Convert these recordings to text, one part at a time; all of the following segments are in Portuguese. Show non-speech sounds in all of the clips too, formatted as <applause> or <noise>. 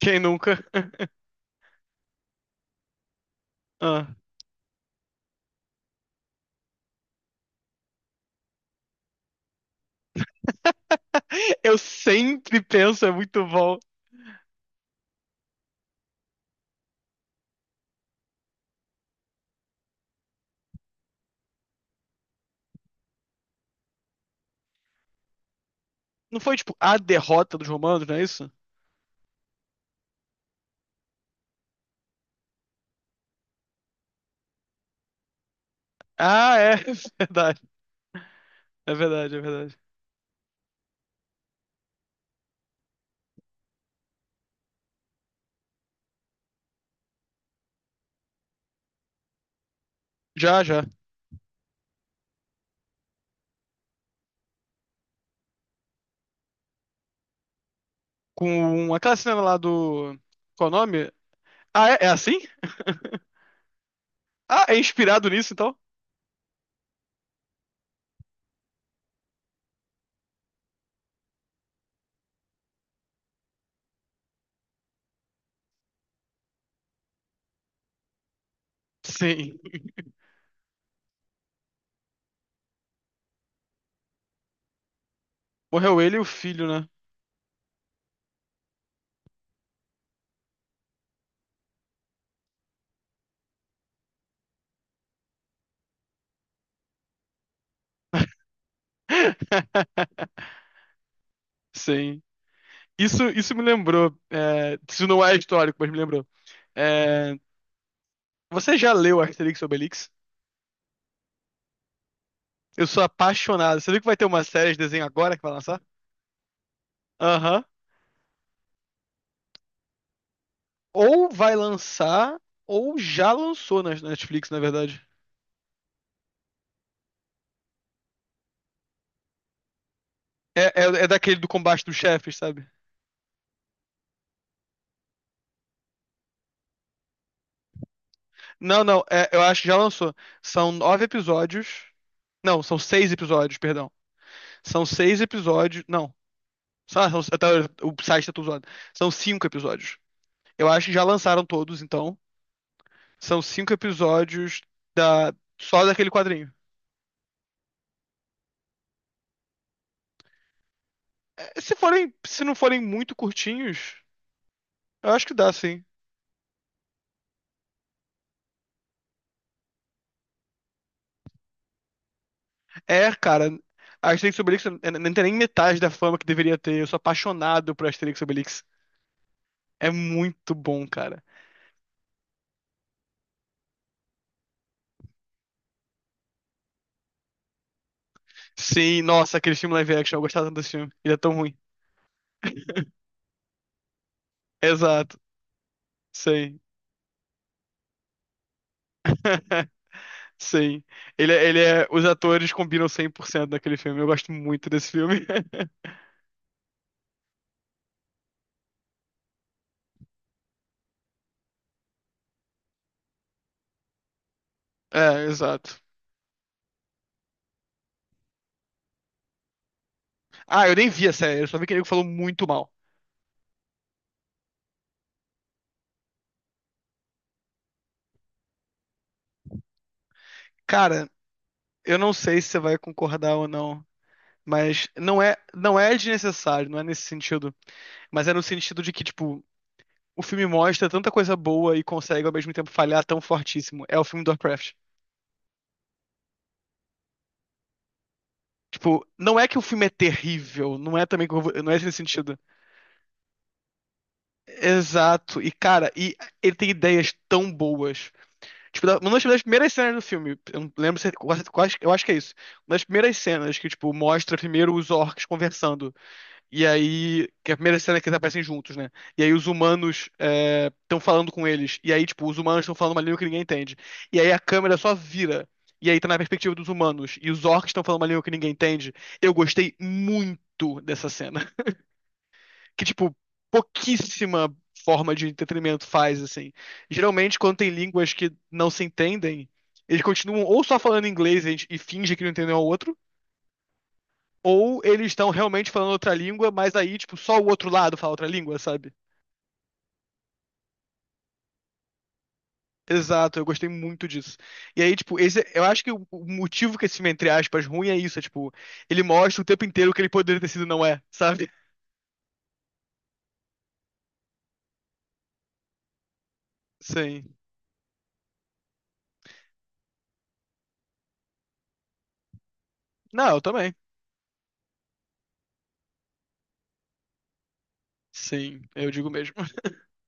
Quem nunca? <laughs> Ah. Eu sempre penso, é muito bom. Não foi tipo a derrota dos romanos, não é isso? Ah, é, <laughs> é verdade. É verdade, é verdade. Já, já. Com aquela cena lá do. Qual é o nome? Ah, é, é assim? Ah, é inspirado nisso então? Sim. Morreu ele e o filho, né? <laughs> Sim. Isso me lembrou. É, isso não é histórico, mas me lembrou. É, você já leu Asterix e Obelix? Eu sou apaixonado. Você viu que vai ter uma série de desenho agora que vai lançar? Aham. Ou vai lançar, ou já lançou na Netflix, na verdade. É, é, é daquele do combate dos chefes, sabe? Não, não, eu acho que já lançou. São nove episódios. Não, são seis episódios, perdão. São seis episódios. Não. Até o site tá tudo zoado. São cinco episódios. Eu acho que já lançaram todos, então. São cinco episódios da, só daquele quadrinho. É, se forem, se não forem muito curtinhos. Eu acho que dá, sim. É, cara, Asterix e Obelix não tem nem metade da fama que deveria ter. Eu sou apaixonado por Asterix e Obelix. É muito bom, cara. Sim, nossa, aquele filme live action, eu gostava tanto desse filme. Ele é tão ruim. Exato. Sim. <laughs> Sim. Ele é. Os atores combinam 100% naquele filme. Eu gosto muito desse filme. <laughs> É, exato. Ah, eu nem vi a série, eu só vi que ele falou muito mal. Cara, eu não sei se você vai concordar ou não, mas não é desnecessário, não é nesse sentido. Mas é no sentido de que, tipo, o filme mostra tanta coisa boa e consegue ao mesmo tempo falhar tão fortíssimo. É o filme do Warcraft. Tipo, não é que o filme é terrível, não é também que não é esse sentido. Exato. E cara, ele tem ideias tão boas. Tipo, uma das primeiras cenas do filme, eu não lembro se é quase, eu acho que é isso. Uma das primeiras cenas que tipo mostra primeiro os orcs conversando. E aí, que é a primeira cena é que eles aparecem juntos, né? E aí os humanos estão falando com eles. E aí, tipo, os humanos estão falando uma língua que ninguém entende. E aí a câmera só vira. E aí tá na perspectiva dos humanos. E os orcs estão falando uma língua que ninguém entende. Eu gostei muito dessa cena. <laughs> Que, tipo, pouquíssima forma de entretenimento faz, assim. Geralmente, quando tem línguas que não se entendem, eles continuam ou só falando inglês e, e fingem que não entendem um ao outro, ou eles estão realmente falando outra língua, mas aí, tipo, só o outro lado fala outra língua, sabe? Exato, eu gostei muito disso. E aí, tipo, esse, eu acho que o motivo que esse filme, entre aspas, ruim é isso, é, tipo, ele mostra o tempo inteiro o que ele poderia ter sido e não é, sabe? Sim. Não, eu também. Sim, eu digo mesmo. <laughs>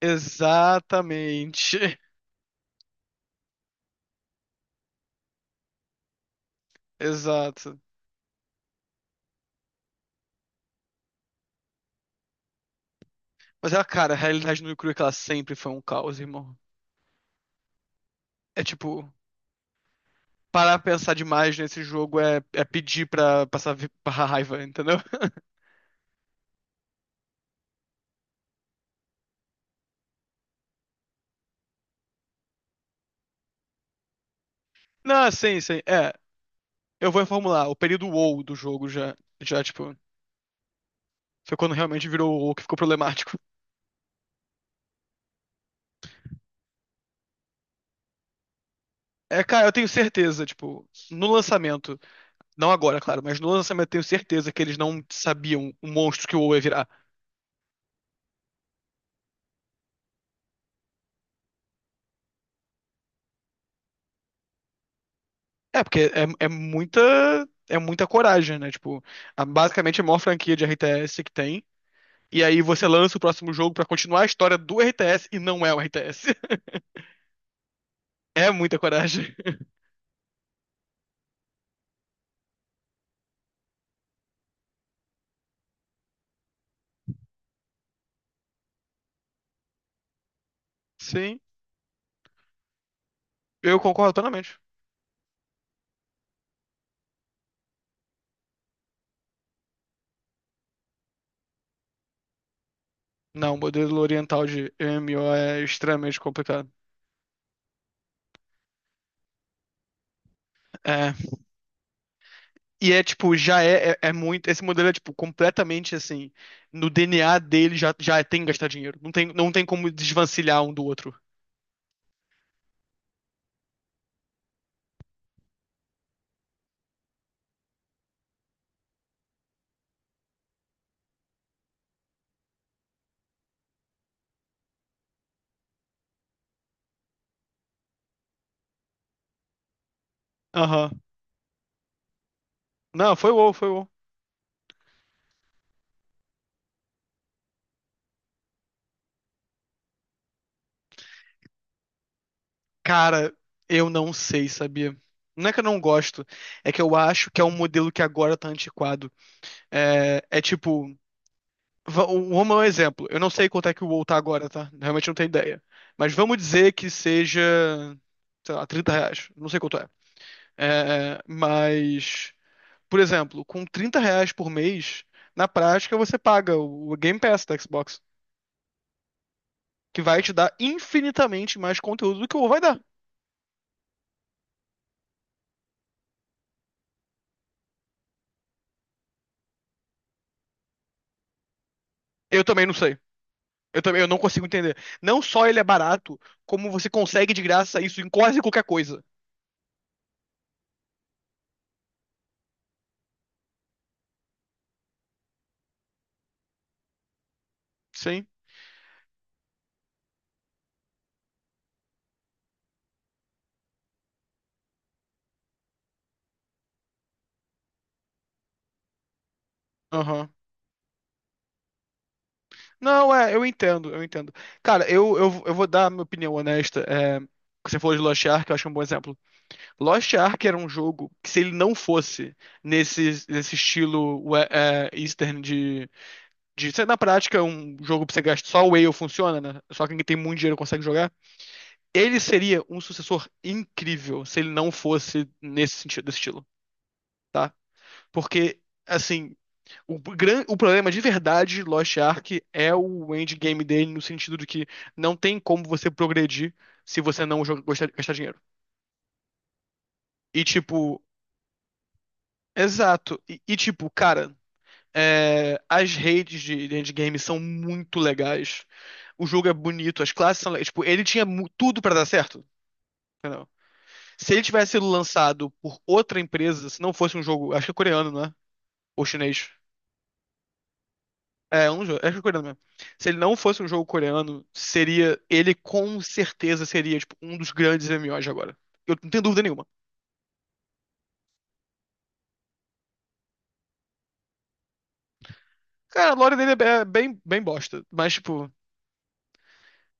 Exatamente. Exato. Mas ela, cara, a realidade no e crua é que ela sempre foi um caos, irmão. É tipo, parar pra pensar demais nesse jogo é pedir pra passar pra raiva, entendeu? Não, sim, sim. É, eu vou reformular. O período WoW do jogo já, já, tipo, foi quando realmente virou o WoW que ficou problemático. <laughs> É, cara, eu tenho certeza, tipo, no lançamento, não agora, claro, mas no lançamento eu tenho certeza que eles não sabiam o monstro que o WoW ia virar. É, porque é muita coragem, né? Tipo, basicamente é a maior franquia de RTS que tem. E aí você lança o próximo jogo pra continuar a história do RTS e não é o RTS. <laughs> É muita coragem. <laughs> Sim, eu concordo plenamente. Não, o modelo oriental de MMO é extremamente complicado. É. E é tipo, já é muito. Esse modelo é tipo completamente assim. No DNA dele já é, tem que gastar dinheiro. Não tem como desvencilhar um do outro. Aham. Não, foi o WoW, foi o WoW. Cara, eu não sei, sabia? Não é que eu não gosto, é que eu acho que é um modelo que agora tá antiquado. É, é tipo, o Roma é um exemplo. Eu não sei quanto é que o WoW tá agora, tá? Realmente não tenho ideia. Mas vamos dizer que seja, sei lá, R$ 30. Não sei quanto é. É, mas, por exemplo, com R$ 30 por mês, na prática você paga o Game Pass da Xbox, que vai te dar infinitamente mais conteúdo do que o WoW vai dar. Eu também não sei. Eu também, eu não consigo entender. Não só ele é barato, como você consegue de graça isso em quase qualquer coisa. Sim. Aham. Não, é, eu entendo, eu entendo. Cara, eu vou dar a minha opinião honesta. É, você falou de Lost Ark, eu acho um bom exemplo. Lost Ark era um jogo que, se ele não fosse nesse estilo Eastern de ser na prática um jogo pra você gastar, só o Whale funciona, né? Só quem tem muito dinheiro consegue jogar. Ele seria um sucessor incrível se ele não fosse nesse sentido, desse estilo. Tá? Porque, assim, o problema de verdade de Lost Ark é o endgame dele, no sentido de que não tem como você progredir se você não gastar dinheiro. E, tipo, exato. E, tipo, cara, as redes de endgame são muito legais. O jogo é bonito, as classes são legais. Tipo, ele tinha tudo pra dar certo. Entendeu? Se ele tivesse sido lançado por outra empresa, se não fosse um jogo, acho que é coreano, né? Ou chinês. É um jogo, acho que é coreano mesmo. Se ele não fosse um jogo coreano, seria, ele com certeza seria tipo um dos grandes MMOs de agora. Eu não tenho dúvida nenhuma. Cara, a lore dele é bem, bem bosta, mas tipo,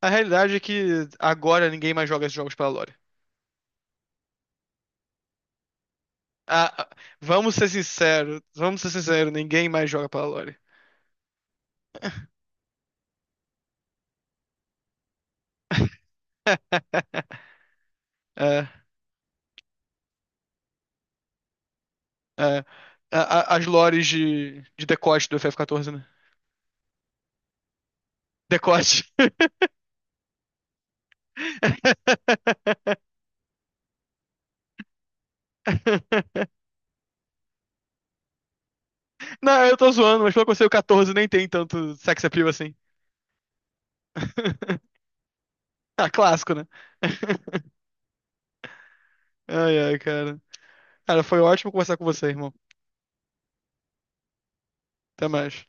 a realidade é que agora ninguém mais joga esses jogos pela lore. Ah, ah, vamos ser sinceros, ninguém mais joga pela lore. <laughs> É, é. As lores de decote do f 14, né? Decote. <laughs> Não, eu tô zoando, mas pelo que eu sei, o 14 nem tem tanto sex appeal assim. <laughs> Ah, clássico, né? <laughs> Ai, ai, cara. Cara, foi ótimo conversar com você, irmão. Até mais.